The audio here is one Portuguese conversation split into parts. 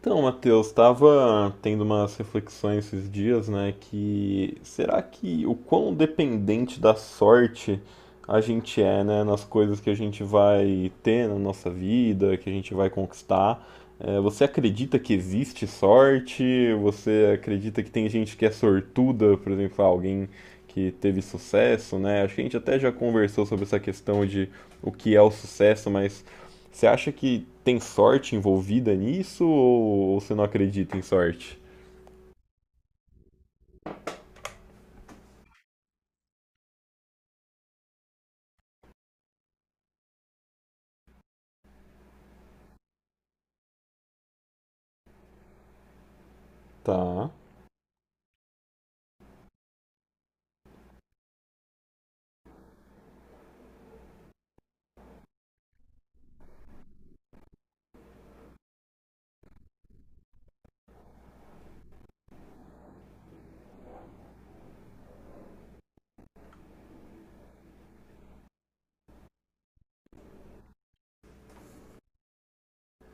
Então, Matheus, estava tendo umas reflexões esses dias, né, que será que o quão dependente da sorte a gente é, né, nas coisas que a gente vai ter na nossa vida, que a gente vai conquistar? Você acredita que existe sorte? Você acredita que tem gente que é sortuda, por exemplo, ah, alguém que teve sucesso, né? Acho que a gente até já conversou sobre essa questão de o que é o sucesso, mas você acha que tem sorte envolvida nisso ou você não acredita em sorte? Tá.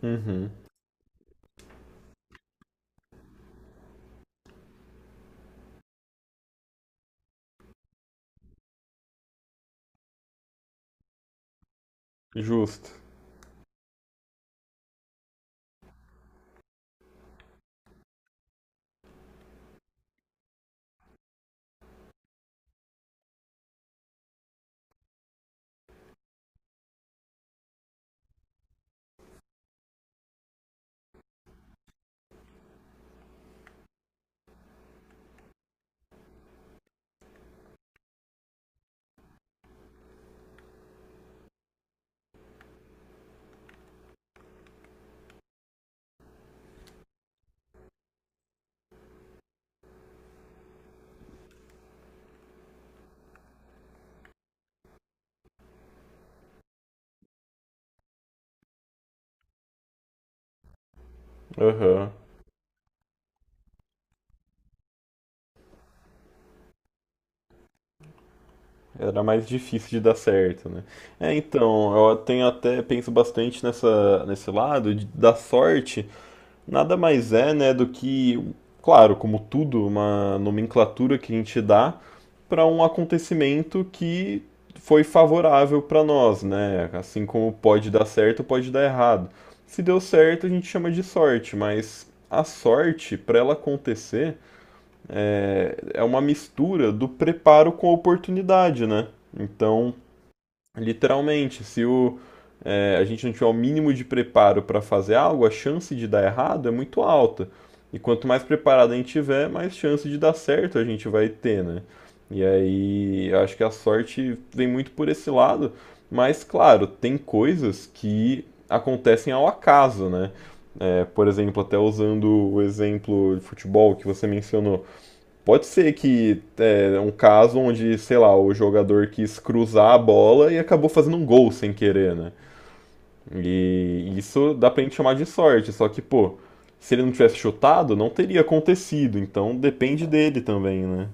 Uhum. Justo. Aham. Era mais difícil de dar certo, né? Então, eu tenho até penso bastante nesse lado da sorte. Nada mais é, né, do que, claro, como tudo, uma nomenclatura que a gente dá para um acontecimento que foi favorável para nós, né? Assim como pode dar certo, pode dar errado. Se deu certo, a gente chama de sorte, mas a sorte, para ela acontecer, é uma mistura do preparo com a oportunidade, né? Então, literalmente, se o, é, a gente não tiver o mínimo de preparo para fazer algo, a chance de dar errado é muito alta. E quanto mais preparado a gente tiver, mais chance de dar certo a gente vai ter, né? E aí, eu acho que a sorte vem muito por esse lado, mas claro, tem coisas que acontecem ao acaso, né? Por exemplo, até usando o exemplo de futebol que você mencionou. Pode ser que é um caso onde, sei lá, o jogador quis cruzar a bola e acabou fazendo um gol sem querer, né? E isso dá pra gente chamar de sorte, só que, pô, se ele não tivesse chutado, não teria acontecido, então depende dele também, né?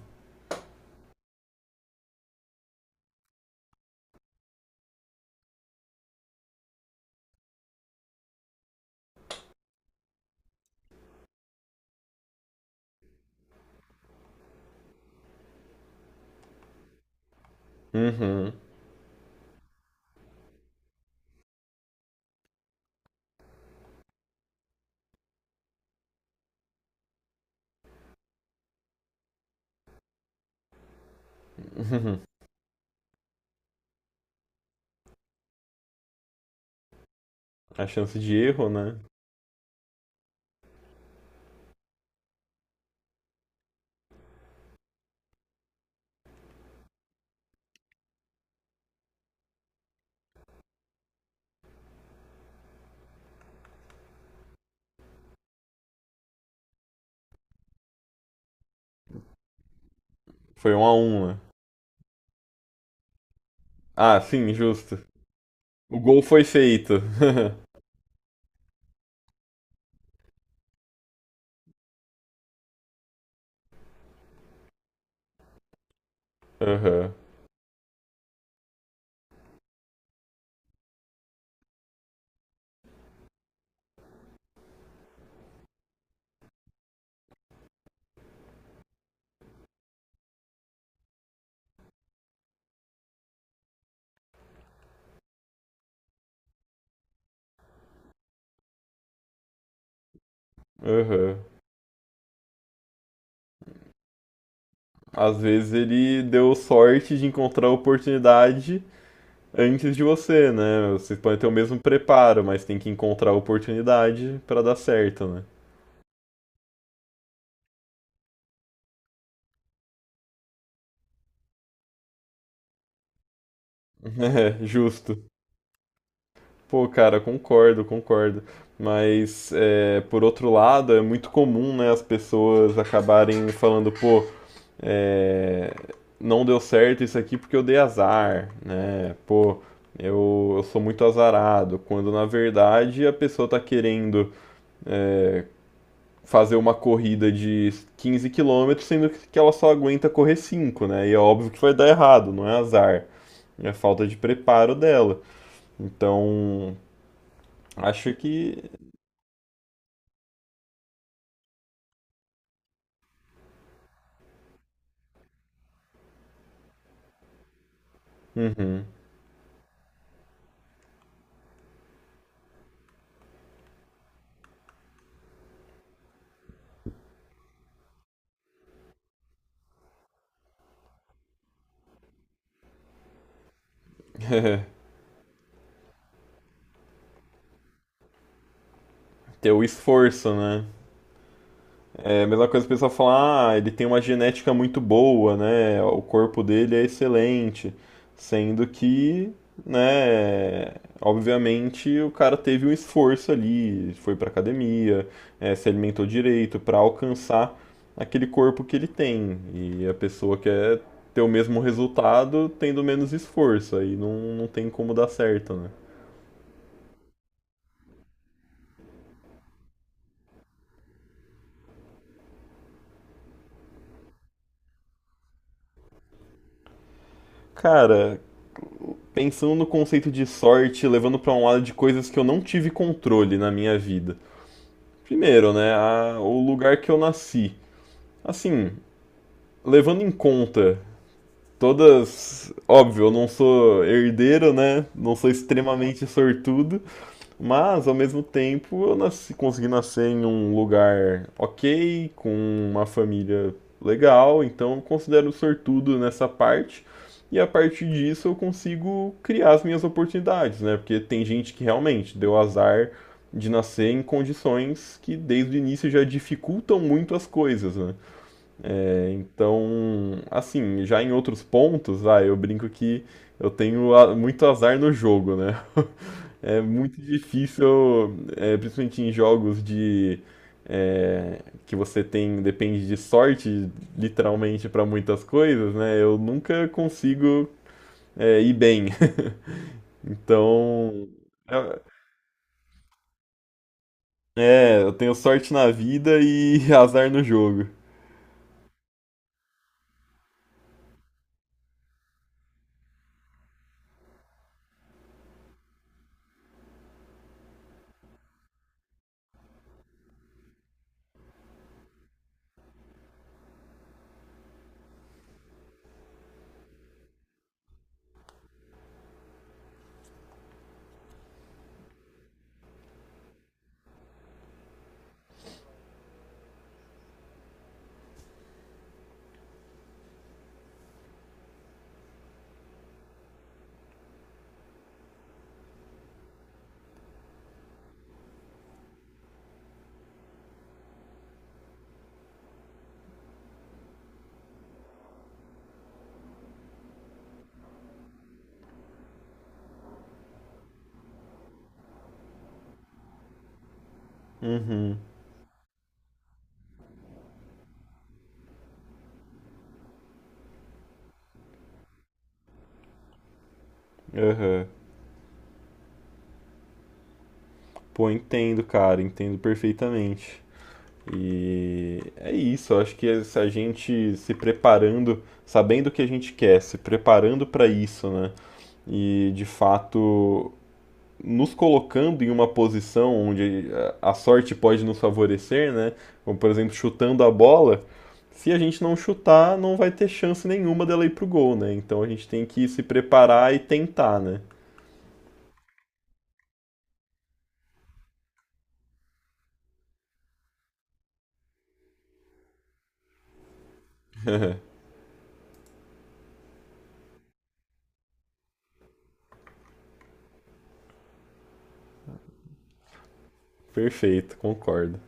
Uhum. Uhum. A chance de erro, né? Foi um a um, né? Ah, sim, justo. O gol foi feito. Aham, aham. Às vezes ele deu sorte de encontrar a oportunidade antes de você, né? Vocês podem ter o mesmo preparo, mas tem que encontrar a oportunidade pra dar certo, né? É, justo. Pô, cara, concordo, concordo. Mas, é, por outro lado, é muito comum, né, as pessoas acabarem falando, pô, é, não deu certo isso aqui porque eu dei azar, né? Pô, eu sou muito azarado. Quando, na verdade, a pessoa tá querendo é, fazer uma corrida de 15 km sendo que ela só aguenta correr 5, né? E é óbvio que vai dar errado, não é azar, é falta de preparo dela. Então, acho que. Uhum. Ter o esforço, né? É a mesma coisa que o pessoal fala, ah, ele tem uma genética muito boa, né? O corpo dele é excelente. Sendo que, né, obviamente o cara teve um esforço ali, foi pra academia, se alimentou direito pra alcançar aquele corpo que ele tem. E a pessoa quer ter o mesmo resultado tendo menos esforço, aí não tem como dar certo, né? Cara, pensando no conceito de sorte, levando pra um lado de coisas que eu não tive controle na minha vida. Primeiro, né, o lugar que eu nasci. Assim, levando em conta todas. Óbvio, eu não sou herdeiro, né? Não sou extremamente sortudo. Mas, ao mesmo tempo, eu nasci, consegui nascer em um lugar ok, com uma família legal, então eu considero sortudo nessa parte. E a partir disso eu consigo criar as minhas oportunidades, né? Porque tem gente que realmente deu azar de nascer em condições que desde o início já dificultam muito as coisas, né? Então, assim, já em outros pontos, vai, eu brinco que eu tenho muito azar no jogo, né? É muito difícil, é, principalmente em jogos de é, que você tem depende de sorte, literalmente, para muitas coisas, né? Eu nunca consigo ir bem. Então, é, eu tenho sorte na vida e azar no jogo. Uhum, aham. Pô, entendo, cara, entendo perfeitamente. E é isso, eu acho que é se a gente se preparando, sabendo o que a gente quer, se preparando para isso, né? E de fato nos colocando em uma posição onde a sorte pode nos favorecer, né? Como por exemplo, chutando a bola, se a gente não chutar, não vai ter chance nenhuma dela ir pro gol, né? Então a gente tem que se preparar e tentar, né? Perfeito, concordo.